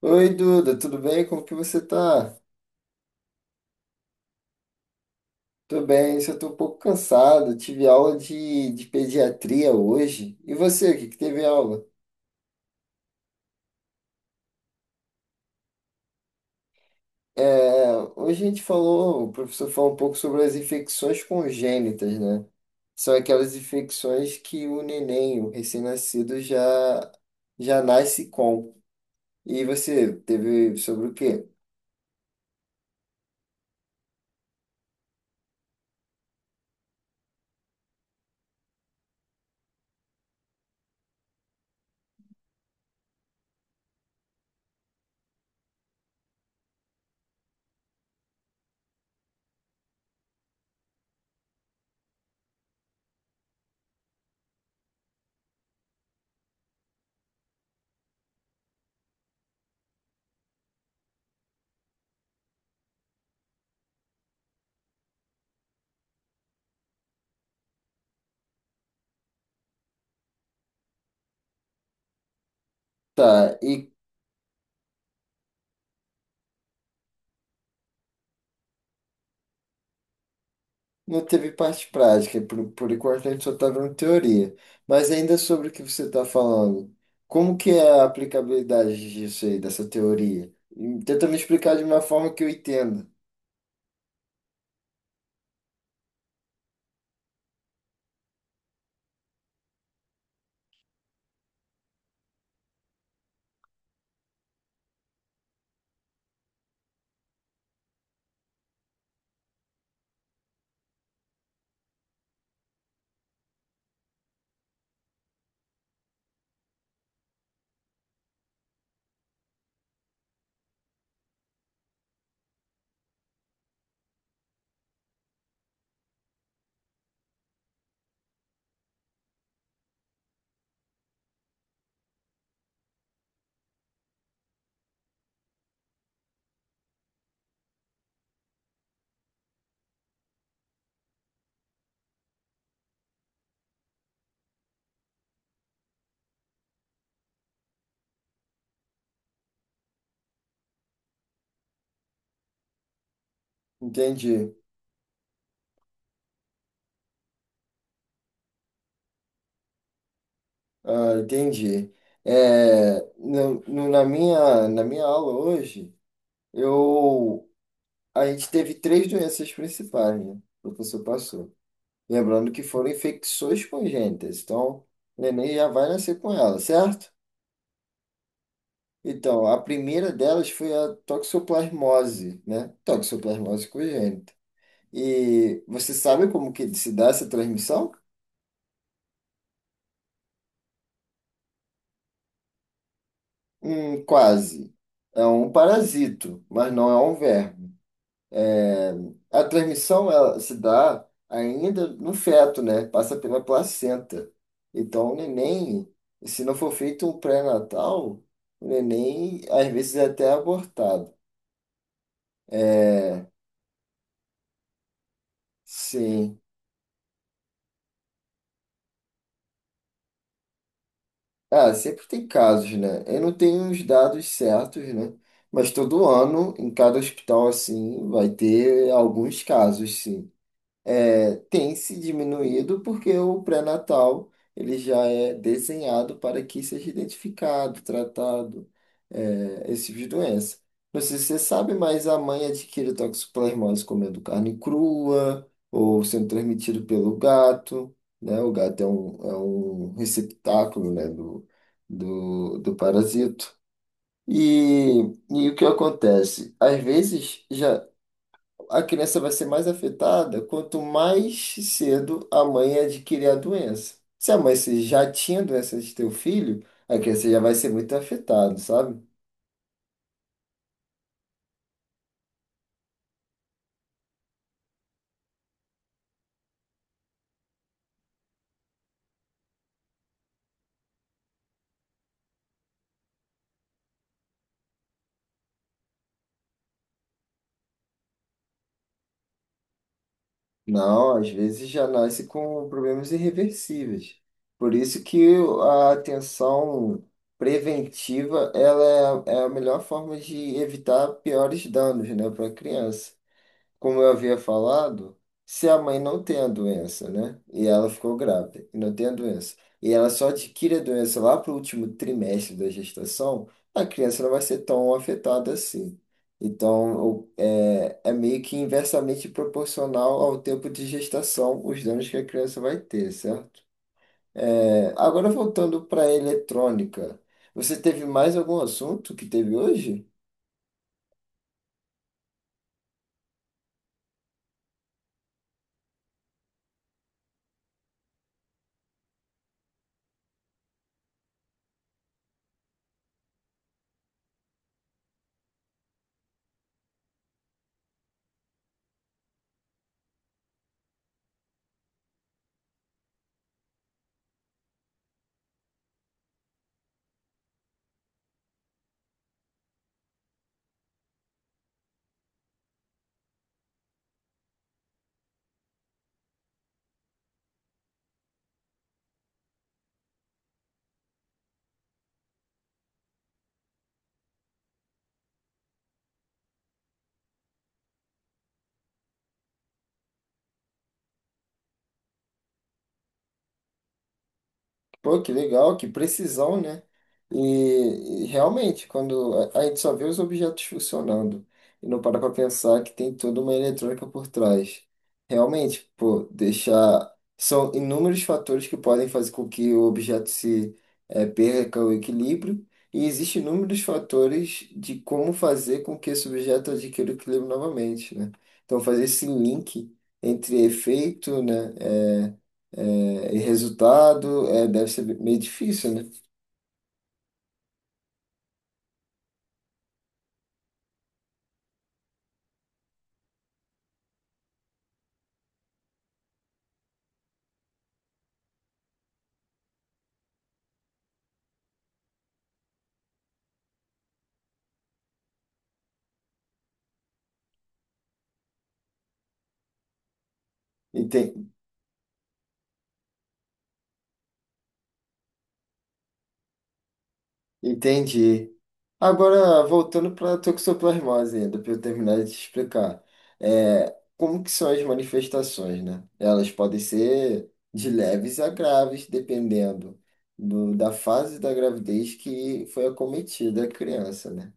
Oi, Duda, tudo bem? Como que você tá? Tô bem, só tô um pouco cansado. Tive aula de pediatria hoje. E você, o que que teve aula? É, hoje a gente falou, o professor falou um pouco sobre as infecções congênitas, né? São aquelas infecções que o neném, o recém-nascido, já, já nasce com. E você teve sobre o quê? Tá, e não teve parte prática, por enquanto a gente só está vendo teoria. Mas ainda sobre o que você está falando, como que é a aplicabilidade disso aí, dessa teoria? Tenta me explicar de uma forma que eu entenda. Entendi. Ah, entendi. É, na minha aula hoje, eu, a gente teve três doenças principais, né? O professor passou. Lembrando que foram infecções congênitas. Então, o neném já vai nascer com ela, certo? Então, a primeira delas foi a toxoplasmose, né? Toxoplasmose congênita. E você sabe como que se dá essa transmissão? Quase. É um parasito, mas não é um verme. É, a transmissão ela se dá ainda no feto, né? Passa pela placenta. Então, o neném, se não for feito um pré-natal, o neném às vezes é até abortado. É, sim. Ah, sempre tem casos, né? Eu não tenho os dados certos, né? Mas todo ano, em cada hospital, assim, vai ter alguns casos, sim. É, tem se diminuído porque o pré-natal ele já é desenhado para que seja identificado, tratado, é, esse tipo de doença. Não sei se você sabe, mas a mãe adquire toxoplasmose comendo carne crua ou sendo transmitido pelo gato, né? O gato é um receptáculo, né, do parasito. E, e o que acontece? Às vezes já a criança vai ser mais afetada quanto mais cedo a mãe adquirir a doença. Se a mãe se- já tinha doença de teu filho, a criança já vai ser muito afetada, sabe? Não, às vezes já nasce com problemas irreversíveis. Por isso que a atenção preventiva ela é a melhor forma de evitar piores danos, né, para a criança. Como eu havia falado, se a mãe não tem a doença, né? E ela ficou grávida e não tem a doença, e ela só adquire a doença lá para o último trimestre da gestação, a criança não vai ser tão afetada assim. Então, é, é meio que inversamente proporcional ao tempo de gestação, os danos que a criança vai ter, certo? É, agora, voltando para a eletrônica, você teve mais algum assunto que teve hoje? Pô, que legal, que precisão, né? E realmente, quando a gente só vê os objetos funcionando e não para para pensar que tem toda uma eletrônica por trás. Realmente, pô, deixar. São inúmeros fatores que podem fazer com que o objeto se perca o equilíbrio, e existem inúmeros fatores de como fazer com que esse objeto adquira o equilíbrio novamente, né? Então, fazer esse link entre efeito, né? É, e resultado é, deve ser meio difícil, né? Enten- Entendi. Agora, voltando para a toxoplasmose ainda, para eu terminar de te explicar. É, como que são as manifestações, né? Elas podem ser de leves a graves, dependendo da fase da gravidez que foi acometida a criança, né?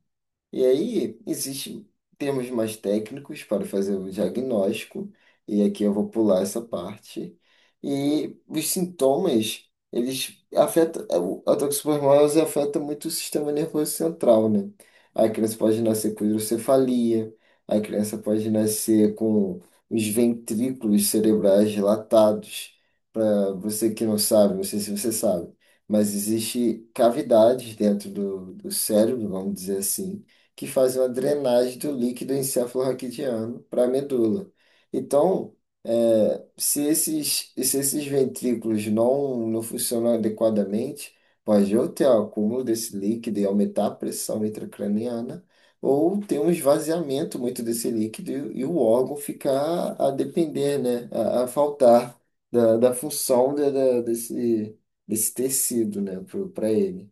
E aí, existem termos mais técnicos para fazer o diagnóstico, e aqui eu vou pular essa parte. E os sintomas, eles afetam, a toxoplasmose afeta muito o sistema nervoso central, né? A criança pode nascer com hidrocefalia, a criança pode nascer com os ventrículos cerebrais dilatados. Para você que não sabe, não sei se você sabe, mas existe cavidades dentro do cérebro, vamos dizer assim, que faz uma drenagem do líquido encefalorraquidiano para a medula. Então, é, se esses ventrículos não funcionam adequadamente, pode ou ter acúmulo desse líquido e aumentar a pressão intracraniana, ou ter um esvaziamento muito desse líquido e o órgão ficar a depender, né, a faltar da função desse, desse tecido, né, para ele.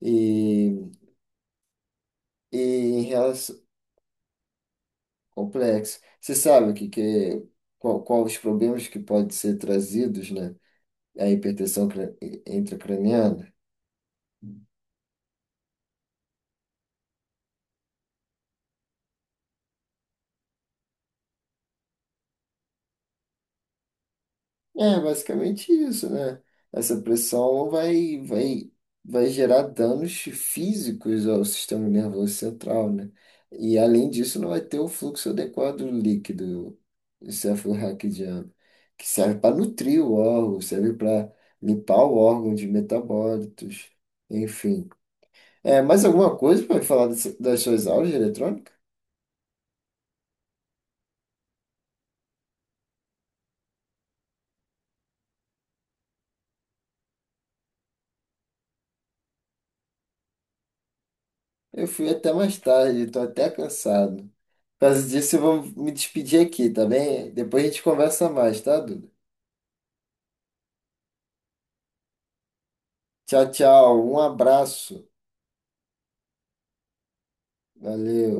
E, e em relação complexo. Você sabe o que, qual, qual os problemas que podem ser trazidos, né? A intracraniana? É basicamente isso, né? Essa pressão vai gerar danos físicos ao sistema nervoso central, né? E além disso, não vai ter o fluxo adequado líquido encefalorraquidiano, que serve para nutrir o órgão, serve para limpar o órgão de metabólitos, enfim. É, mais alguma coisa para falar das suas aulas de eletrônica? Eu fui até mais tarde, estou até cansado. Por causa disso, eu vou me despedir aqui, tá bem? Depois a gente conversa mais, tá, Duda? Tchau, tchau. Um abraço. Valeu.